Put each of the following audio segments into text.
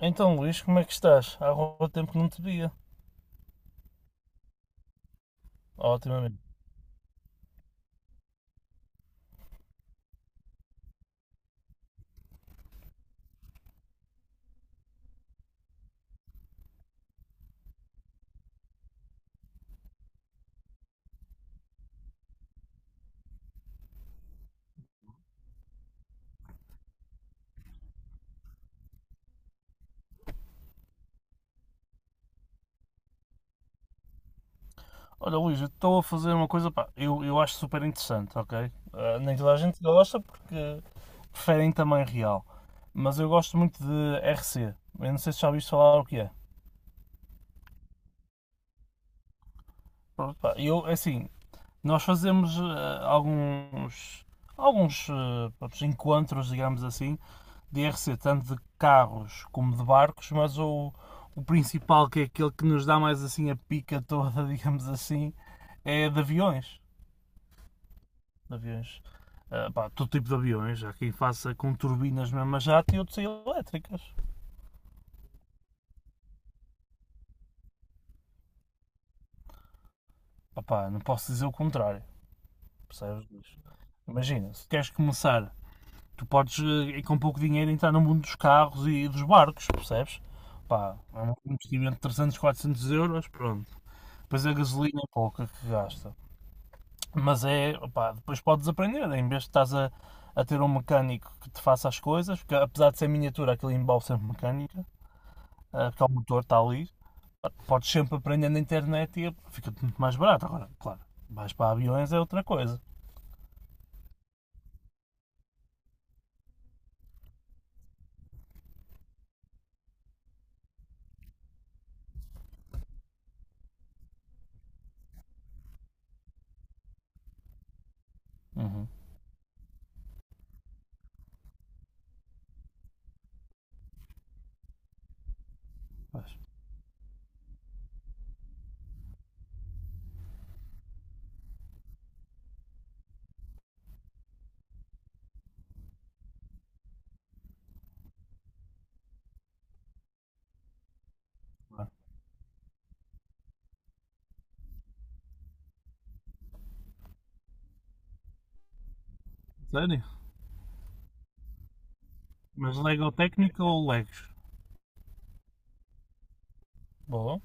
Então, Luís, como é que estás? Há algum tempo que não te via. Ótimamente. Olha, Luís, eu estou a fazer uma coisa, pá, eu acho super interessante, ok? Ah, nem toda a gente gosta porque preferem tamanho real. Mas eu gosto muito de RC. Eu não sei se já ouviste falar o que é. Pronto, pá, é assim. Nós fazemos alguns, pronto, encontros, digamos assim, de RC, tanto de carros como de barcos, mas o principal, que é aquele que nos dá mais assim a pica toda, digamos assim, é de aviões. De aviões. Ah, pá, todo tipo de aviões, há quem faça com turbinas mesmo a jato e outros elétricas. Ah, pá, não posso dizer o contrário, percebes? Imagina, se queres começar tu podes, com pouco dinheiro, entrar no mundo dos carros e dos barcos, percebes? Pá, é um investimento de 300, 400 euros, pronto. Depois a gasolina é pouca que gasta. Mas é, pá, depois podes aprender, em vez de estás a ter um mecânico que te faça as coisas, porque apesar de ser miniatura, aquilo envolve sempre mecânica, ah, porque o motor está ali, podes sempre aprender na internet e fica-te muito mais barato. Agora, claro, vais para aviões é outra coisa. Uhum. Pois, claro. Sério? Mas Lego técnico ou Legos? Bom.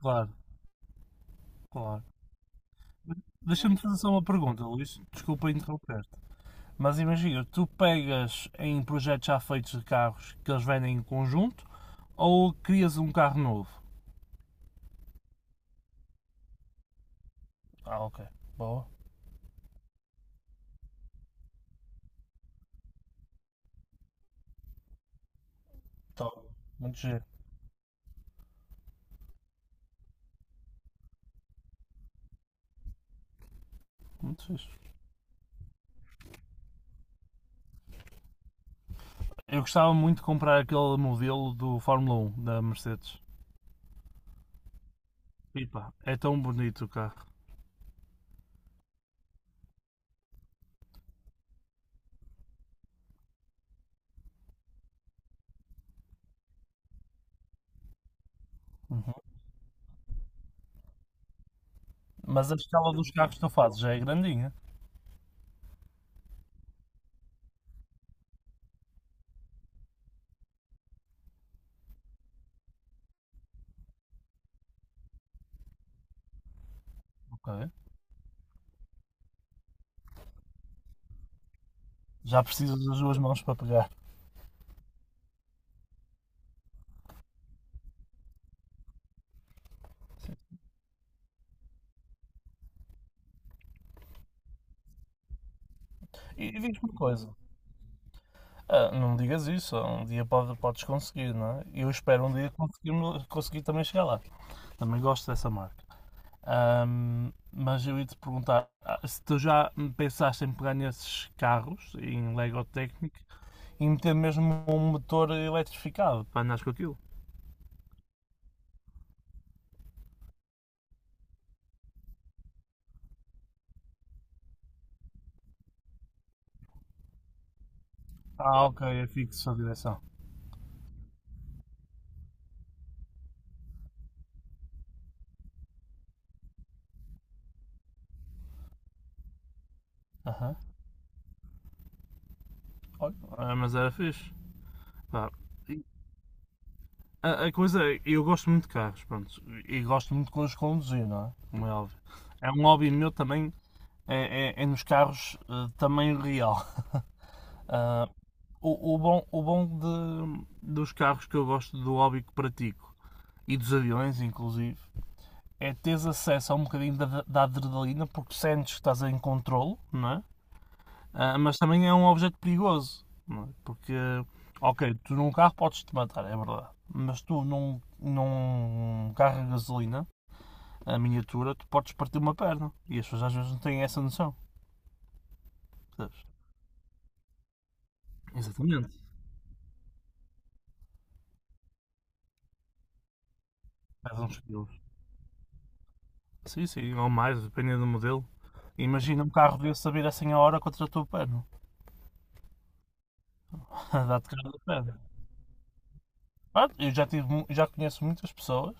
Claro, claro. Deixa-me fazer só uma pergunta, Luís. Desculpa interromper-te. Mas imagina, tu pegas em projetos já feitos de carros que eles vendem em conjunto ou crias um carro novo? Ah, ok. Boa. Top. Muito giro. Muito fixe. Eu gostava muito de comprar aquele modelo do Fórmula 1 da Mercedes. Pipa, é tão bonito o carro. Uhum. Mas a escala dos carros que tu fazes já é grandinha. Ok. Já precisas das duas mãos para pegar. E diz-me uma coisa, ah, não digas isso, um dia podes conseguir, não é? Eu espero um dia conseguir também chegar lá. Também gosto dessa marca. Mas eu ia te perguntar se tu já pensaste em pegar nesses carros, em Lego Technic, e meter mesmo um motor eletrificado para andares com aquilo. Ah, ok, é fixo a direção. Aham. Olha, mas era fixe. Pá, e a coisa é, eu gosto muito de carros, pronto, e gosto muito de os conduzir, não é? Como é óbvio. É um hobby meu também é, é nos carros tamanho real. Ah, o bom dos carros que eu gosto, do hobby que pratico, e dos aviões, inclusive, é teres acesso a um bocadinho da adrenalina, porque sentes que estás em controlo, não é? Ah, mas também é um objeto perigoso, não é? Porque, ok, tu num carro podes-te matar, é verdade, mas tu num carro de gasolina, a miniatura, tu podes partir uma perna, e as pessoas às vezes não têm essa noção, percebes? Exatamente. Pesa uns quilos. Sim, sim, ou mais, dependendo do modelo. Imagina um carro desse a vir a 100 a hora contra o teu pano. Dá-te cara de pano. Pronto, eu já, tive, mu- já conheço muitas pessoas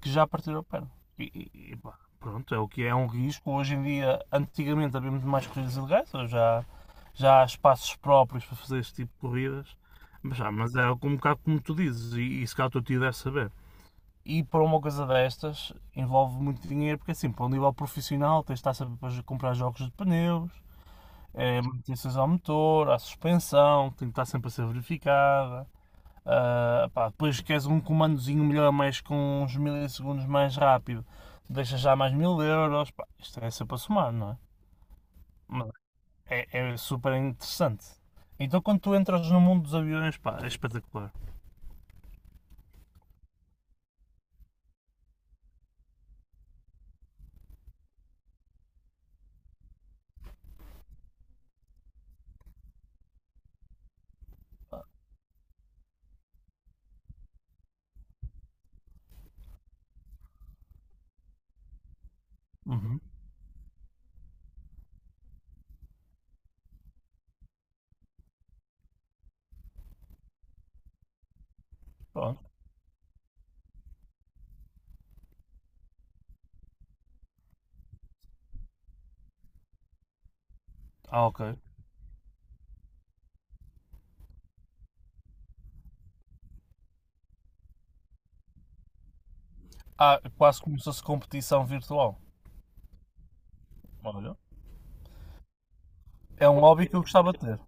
que já partiram o pano. E pá, pronto, é o que é, é um risco. Hoje em dia, antigamente havia muito mais corridas ilegais, hoje já há espaços próprios para fazer este tipo de corridas. Mas é um bocado como tu dizes, e se calhar o teu tio deve saber. E para uma coisa destas envolve muito dinheiro, porque é assim, para um nível profissional tens de estar sempre a comprar jogos de pneus, é manutenções ao motor, à suspensão, que tem que estar sempre a ser verificada. Ah, pá, depois queres um comandozinho melhor, mas com uns milissegundos mais rápido, deixas já mais mil euros. Pá, isto é sempre a somar, não é? Mas é, é super interessante. Então quando tu entras no mundo dos aviões, pá, é espetacular. Uhum. Pronto. Ah, ok. Ah, quase como se fosse competição virtual. Olha. É um hobby que eu gostava de ter.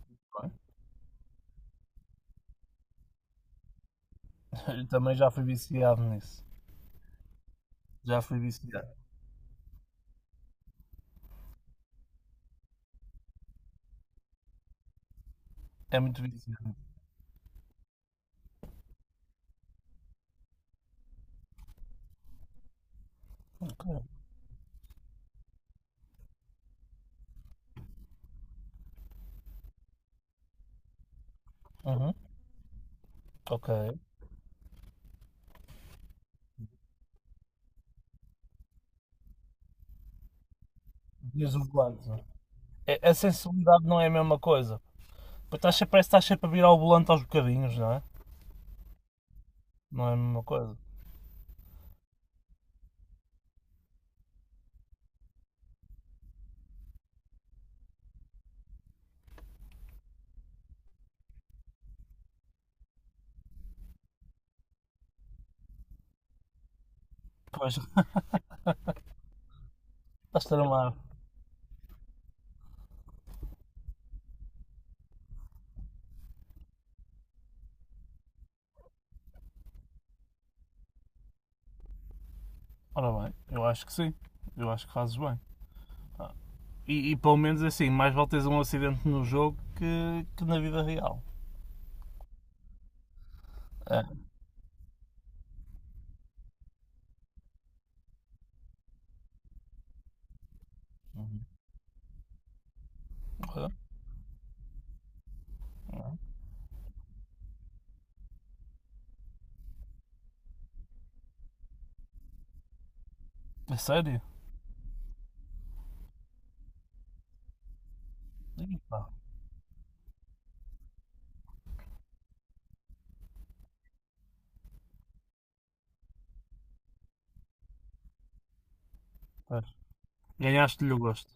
Eu também já fui viciado nisso. Já fui viciado. É muito viciado. Ok. Uhum. Ok. Dias o volante. A sensibilidade não é a mesma coisa. Pois estás sempre, parece que estás sempre a virar o volante aos bocadinhos, não é? Não é a mesma coisa. Pois, estás tramado. Ora bem, eu acho que sim. Eu acho que fazes bem. E pelo menos é assim, mais vale teres um acidente no jogo que na vida real. É. Uhum. É sério? Ih, pá. Pois. Ganhaste-lhe o gosto.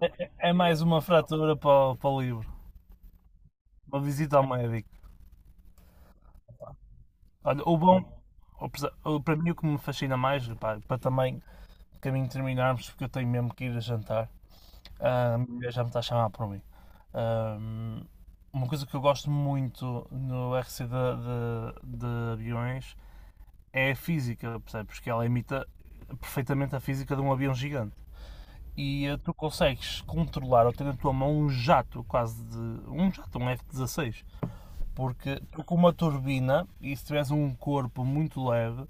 É mais uma fratura para o livro. Uma visita ao médico. Olha, o bom, o presa- o- para mim o que me fascina mais, pá, para também de caminho terminarmos, porque eu tenho mesmo que ir a jantar, ah, a minha mulher já me está a chamar por mim. Ahm, uma coisa que eu gosto muito no RC de aviões é a física, percebes? Porque ela imita perfeitamente a física de um avião gigante. E tu consegues controlar ou ter na tua mão um jato, quase de. Um jato, um F-16. Porque tu com uma turbina, e se tiveres um corpo muito leve,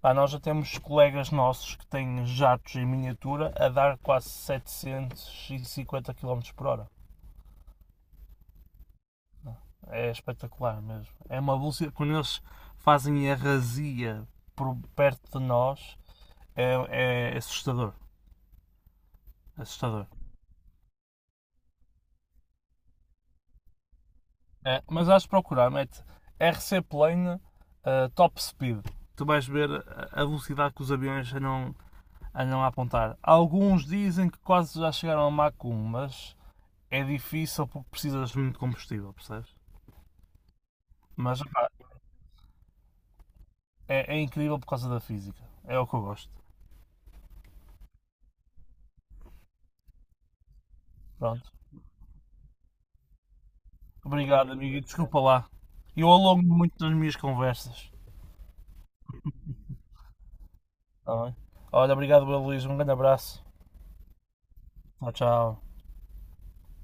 pá, nós já temos colegas nossos que têm jatos em miniatura a dar quase 750 km por hora. É espetacular mesmo. É uma velocidade. Quando eles fazem a razia por perto de nós, é assustador. Assustador. É, mas vais procurar, mete RC Plane Top Speed. Tu vais ver a velocidade que os aviões andam a apontar. Alguns dizem que quase já chegaram a Mach 1, mas é difícil porque precisas muito de combustível, percebes? Mas opá, é incrível por causa da física. É o que eu gosto. Pronto. Obrigado, amigo, e desculpa lá. Eu alongo muito nas minhas conversas. Tá bem? Olha, obrigado, Luís. Um grande abraço. Tchau, tchau.